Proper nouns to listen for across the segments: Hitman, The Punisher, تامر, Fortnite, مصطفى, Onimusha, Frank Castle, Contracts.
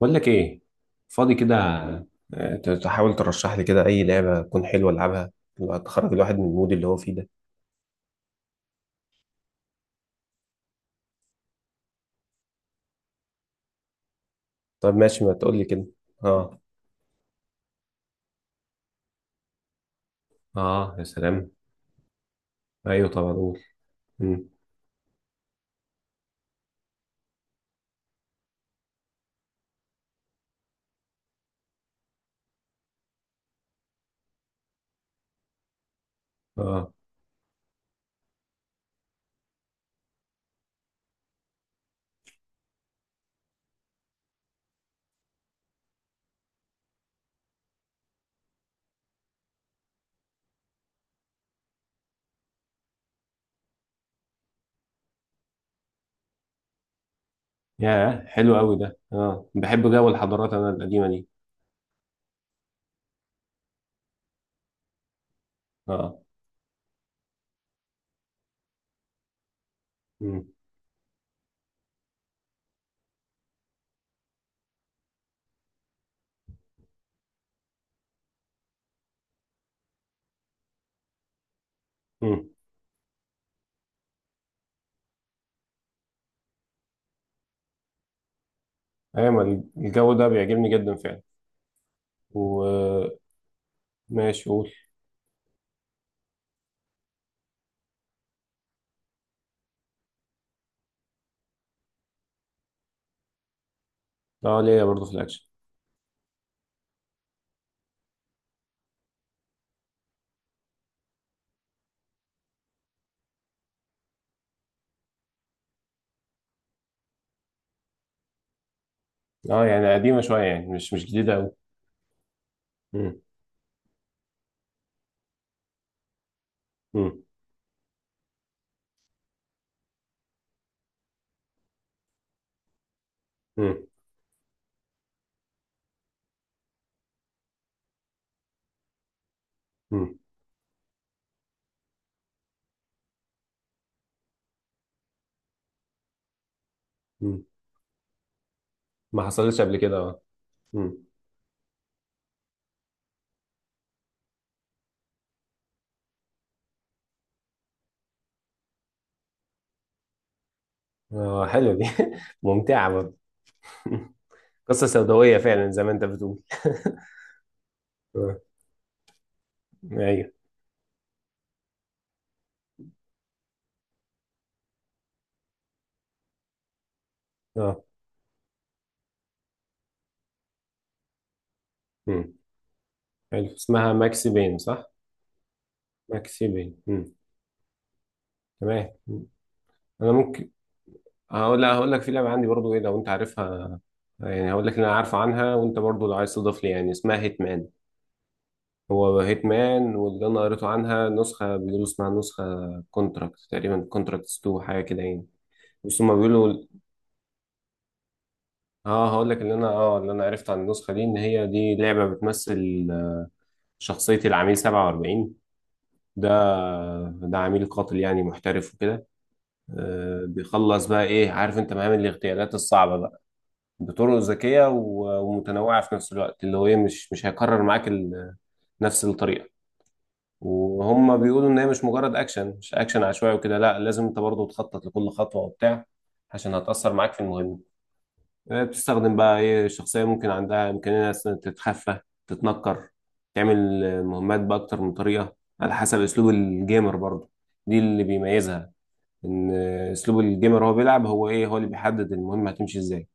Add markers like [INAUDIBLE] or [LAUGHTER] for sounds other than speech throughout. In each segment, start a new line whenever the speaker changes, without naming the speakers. بقول لك ايه؟ فاضي كده؟ آه، تحاول ترشح لي كده اي لعبه تكون حلوه العبها، تخرج الواحد من المود اللي هو فيه ده. طب ماشي ما تقول لي كده. اه. اه يا سلام. ايوه طبعا قول. مم. اه يا حلو قوي ده، اه بحب جو الحضارات انا القديمه دي. اه. مم. مم. ايوه ما الجو ده بيعجبني جدا فعلا. وماشي، قول. اه ليا برضه في الاكشن. اه يعني قديمه شويه، يعني مش مش جديده قوي. مم. مم. مم. مم. مم. ما حصلتش قبل كده. اه. اه حلوة دي [LAUGHS] ممتعة برضه. [LAUGHS] قصة سوداوية فعلا زي ما انت بتقول. [LAUGHS] اه. ايوه. اه. مم. حلو، اسمها ماكسي بين صح؟ ماكسي بين. مم. تمام. مم. انا ممكن هقول، لا هقول لك في لعبة عندي برضو ايه لو انت عارفها. يعني هقول لك اللي انا عارفه عنها وانت برضو لو عايز تضيف لي، يعني اسمها هيتمان. هو هيتمان، واللي انا قريته عنها نسخة بيقولوا اسمها نسخة كونتراكت تقريبا، كونتراكتس 2 حاجة كده يعني. بس هما بيقولوا، اه هقول لك اللي انا اللي انا عرفت عن النسخه دي ان هي دي لعبه بتمثل شخصيه العميل 47. ده ده عميل قاتل يعني محترف وكده. آه بيخلص بقى ايه، عارف انت مهام الاغتيالات الصعبه بقى، بطرق ذكيه ومتنوعه في نفس الوقت، اللي هو ايه مش مش هيكرر معاك نفس الطريقه. وهم بيقولوا ان هي مش مجرد اكشن، مش اكشن عشوائي وكده، لا لازم انت برضه تخطط لكل خطوه وبتاع، عشان هتاثر معاك في المهمه. آه، بتستخدم بقى ايه شخصية ممكن عندها إمكانية مثلا تتخفى، تتنكر، تعمل مهمات بأكتر من طريقة على حسب أسلوب الجيمر برضو. دي اللي بيميزها، إن أسلوب الجيمر هو بيلعب، هو ايه هو اللي بيحدد المهمة هتمشي ازاي.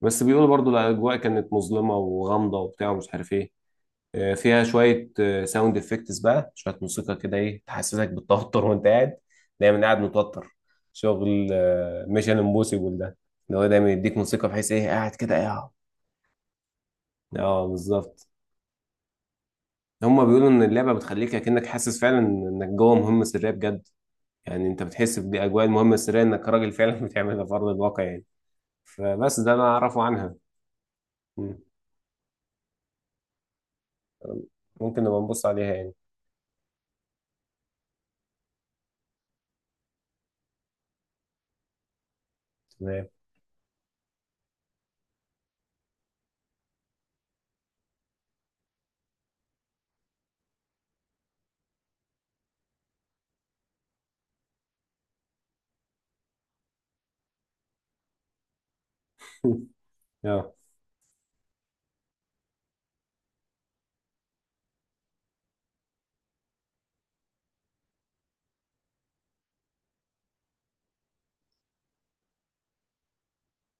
بس بيقولوا برضو الأجواء كانت مظلمة وغامضة وبتاع ومش عارف ايه. آه، فيها شوية ساوند افكتس بقى، شوية موسيقى كده ايه تحسسك بالتوتر [LAUGHS] وانت قاعد، دايما قاعد متوتر، شغل ميشن امبوسيبل ده. اللي هو دايما يديك موسيقى بحيث ايه قاعد كده ايه. اه بالظبط. هما بيقولوا ان اللعبه بتخليك اكنك حاسس فعلا انك جوه مهمه سريه بجد. يعني انت بتحس باجواء المهمه السريه، انك راجل فعلا [LAUGHS] بتعملها في ارض الواقع يعني. فبس ده انا اعرفه عنها. مم. ممكن نبقى نبص عليها يعني. تمام. [LAUGHS] اه.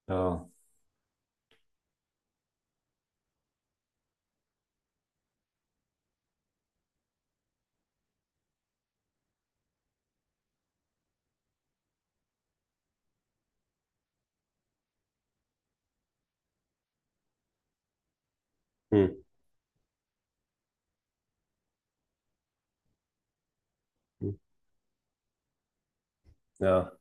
اه. مم. مم. اه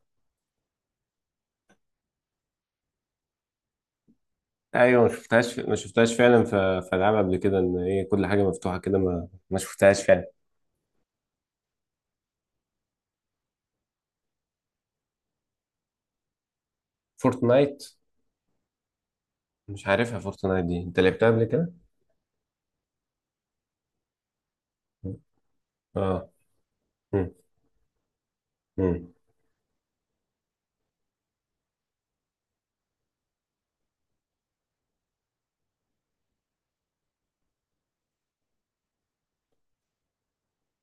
ايوه، ما شفتهاش فعلا في العاب قبل كده ان هي كل حاجه مفتوحه كده، ما شفتهاش فعلا. فورتنايت؟ مش عارفها فورتنايت دي، انت لعبتها قبل كده؟ اه. مم. مم.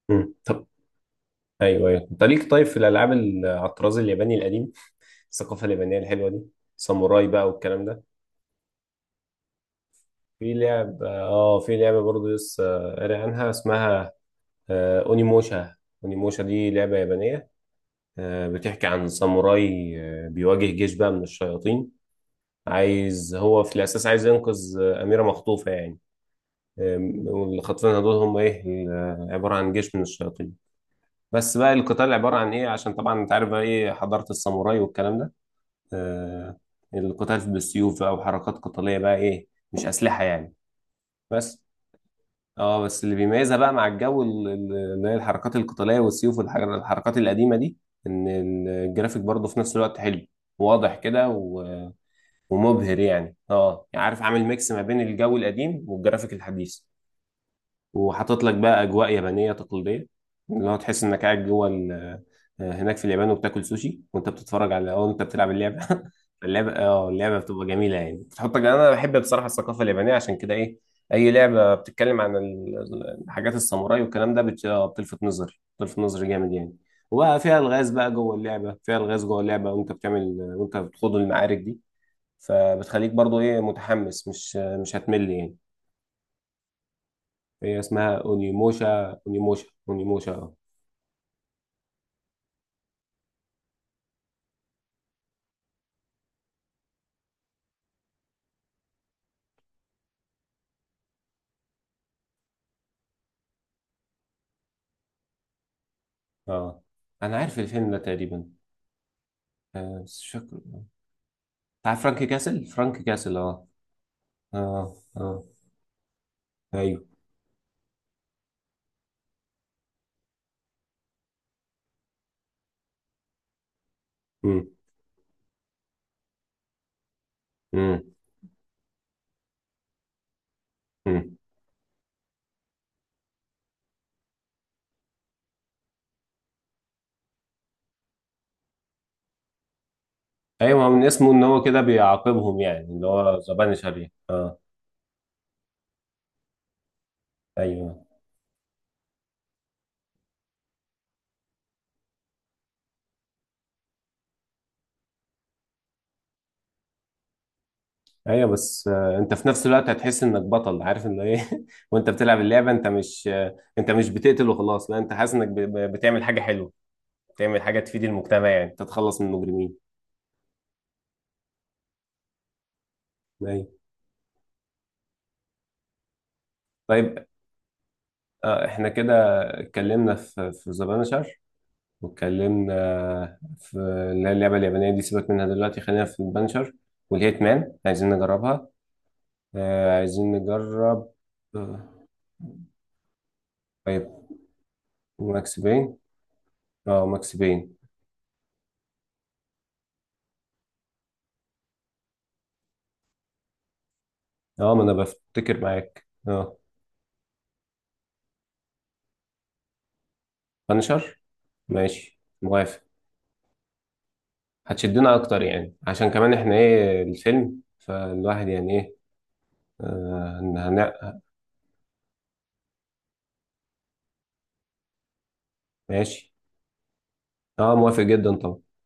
مم. طب، ايوه ايوه، انت ليك طيب في الالعاب على الطراز الياباني القديم، الثقافه اليابانيه الحلوه دي، ساموراي بقى والكلام ده. في لعب، اه في لعبه برضه لسه قاري عنها اسمها آه اونيموشا. اونيموشا دي لعبه يابانيه. آه بتحكي عن ساموراي. آه بيواجه جيش بقى من الشياطين. عايز هو في الاساس عايز ينقذ آه اميره مخطوفه يعني. آم، واللي خاطفينها دول هم ايه، آه، عباره عن جيش من الشياطين. بس بقى القتال عباره عن ايه، عشان طبعا انت عارف بقى ايه حضاره الساموراي والكلام ده. آه، القتال بالسيوف بقى وحركات قتالية بقى ايه، مش أسلحة يعني. بس اه بس اللي بيميزها بقى مع الجو اللي هي الحركات القتالية والسيوف الحركات القديمة دي، ان الجرافيك برضه في نفس الوقت حلو، واضح كده ومبهر يعني، اه يعني عارف عامل ميكس ما بين الجو القديم والجرافيك الحديث. وحاطط لك بقى اجواء يابانيه تقليديه، اللي هو تحس انك قاعد جوه آه، هناك في اليابان، وبتاكل سوشي وانت بتتفرج على او انت بتلعب اللعبه [LAUGHS] اللعبه بتبقى جميله يعني، بتحطك، انا بحب بصراحه الثقافه اليابانيه عشان كده ايه، اي لعبه بتتكلم عن حاجات الساموراي والكلام ده آه، بتلفت نظري، بتلفت نظري جامد يعني. وبقى فيها الغاز بقى جوه اللعبه، فيها الغاز جوه اللعبه وانت بتعمل وانت بتخوض المعارك دي. فبتخليك برضو ايه متحمس، مش آه، مش هتمل يعني. هي اسمها اونيموشا، اونيموشا اه. اه انا عارف الفيلم ده تقريبا. آه بس مش فاكر، بتاع فرانك كاسل، فرانك كاسل اه. اه. اه. ايوه. امم. امم. امم. ايوه ما هو من اسمه ان هو كده بيعاقبهم يعني، اللي هو ذا بانشر يعني. اه. ايوه ايوه. بس آه انت في نفس الوقت هتحس انك بطل، عارف ان ايه [LAUGHS] وانت بتلعب اللعبه، انت مش آه انت مش بتقتل وخلاص، لا انت حاسس انك بتعمل حاجه حلوه، بتعمل حاجه تفيد المجتمع يعني، انت تتخلص من المجرمين. ايوه. طيب، آه، احنا كده اتكلمنا في في ذا بانشر، واتكلمنا في اللي هي اللعبة اليابانية دي، سيبك منها دلوقتي خلينا في البانشر والهيت مان، عايزين نجربها. آه، عايزين نجرب. آه، طيب ماكس بين. اه ماكس بين. اه ما انا بفتكر معاك. اه بانشر، ماشي موافق. هتشدنا اكتر يعني، عشان كمان احنا ايه الفيلم، فالواحد يعني ايه، آه ماشي، اه موافق جدا طبعا.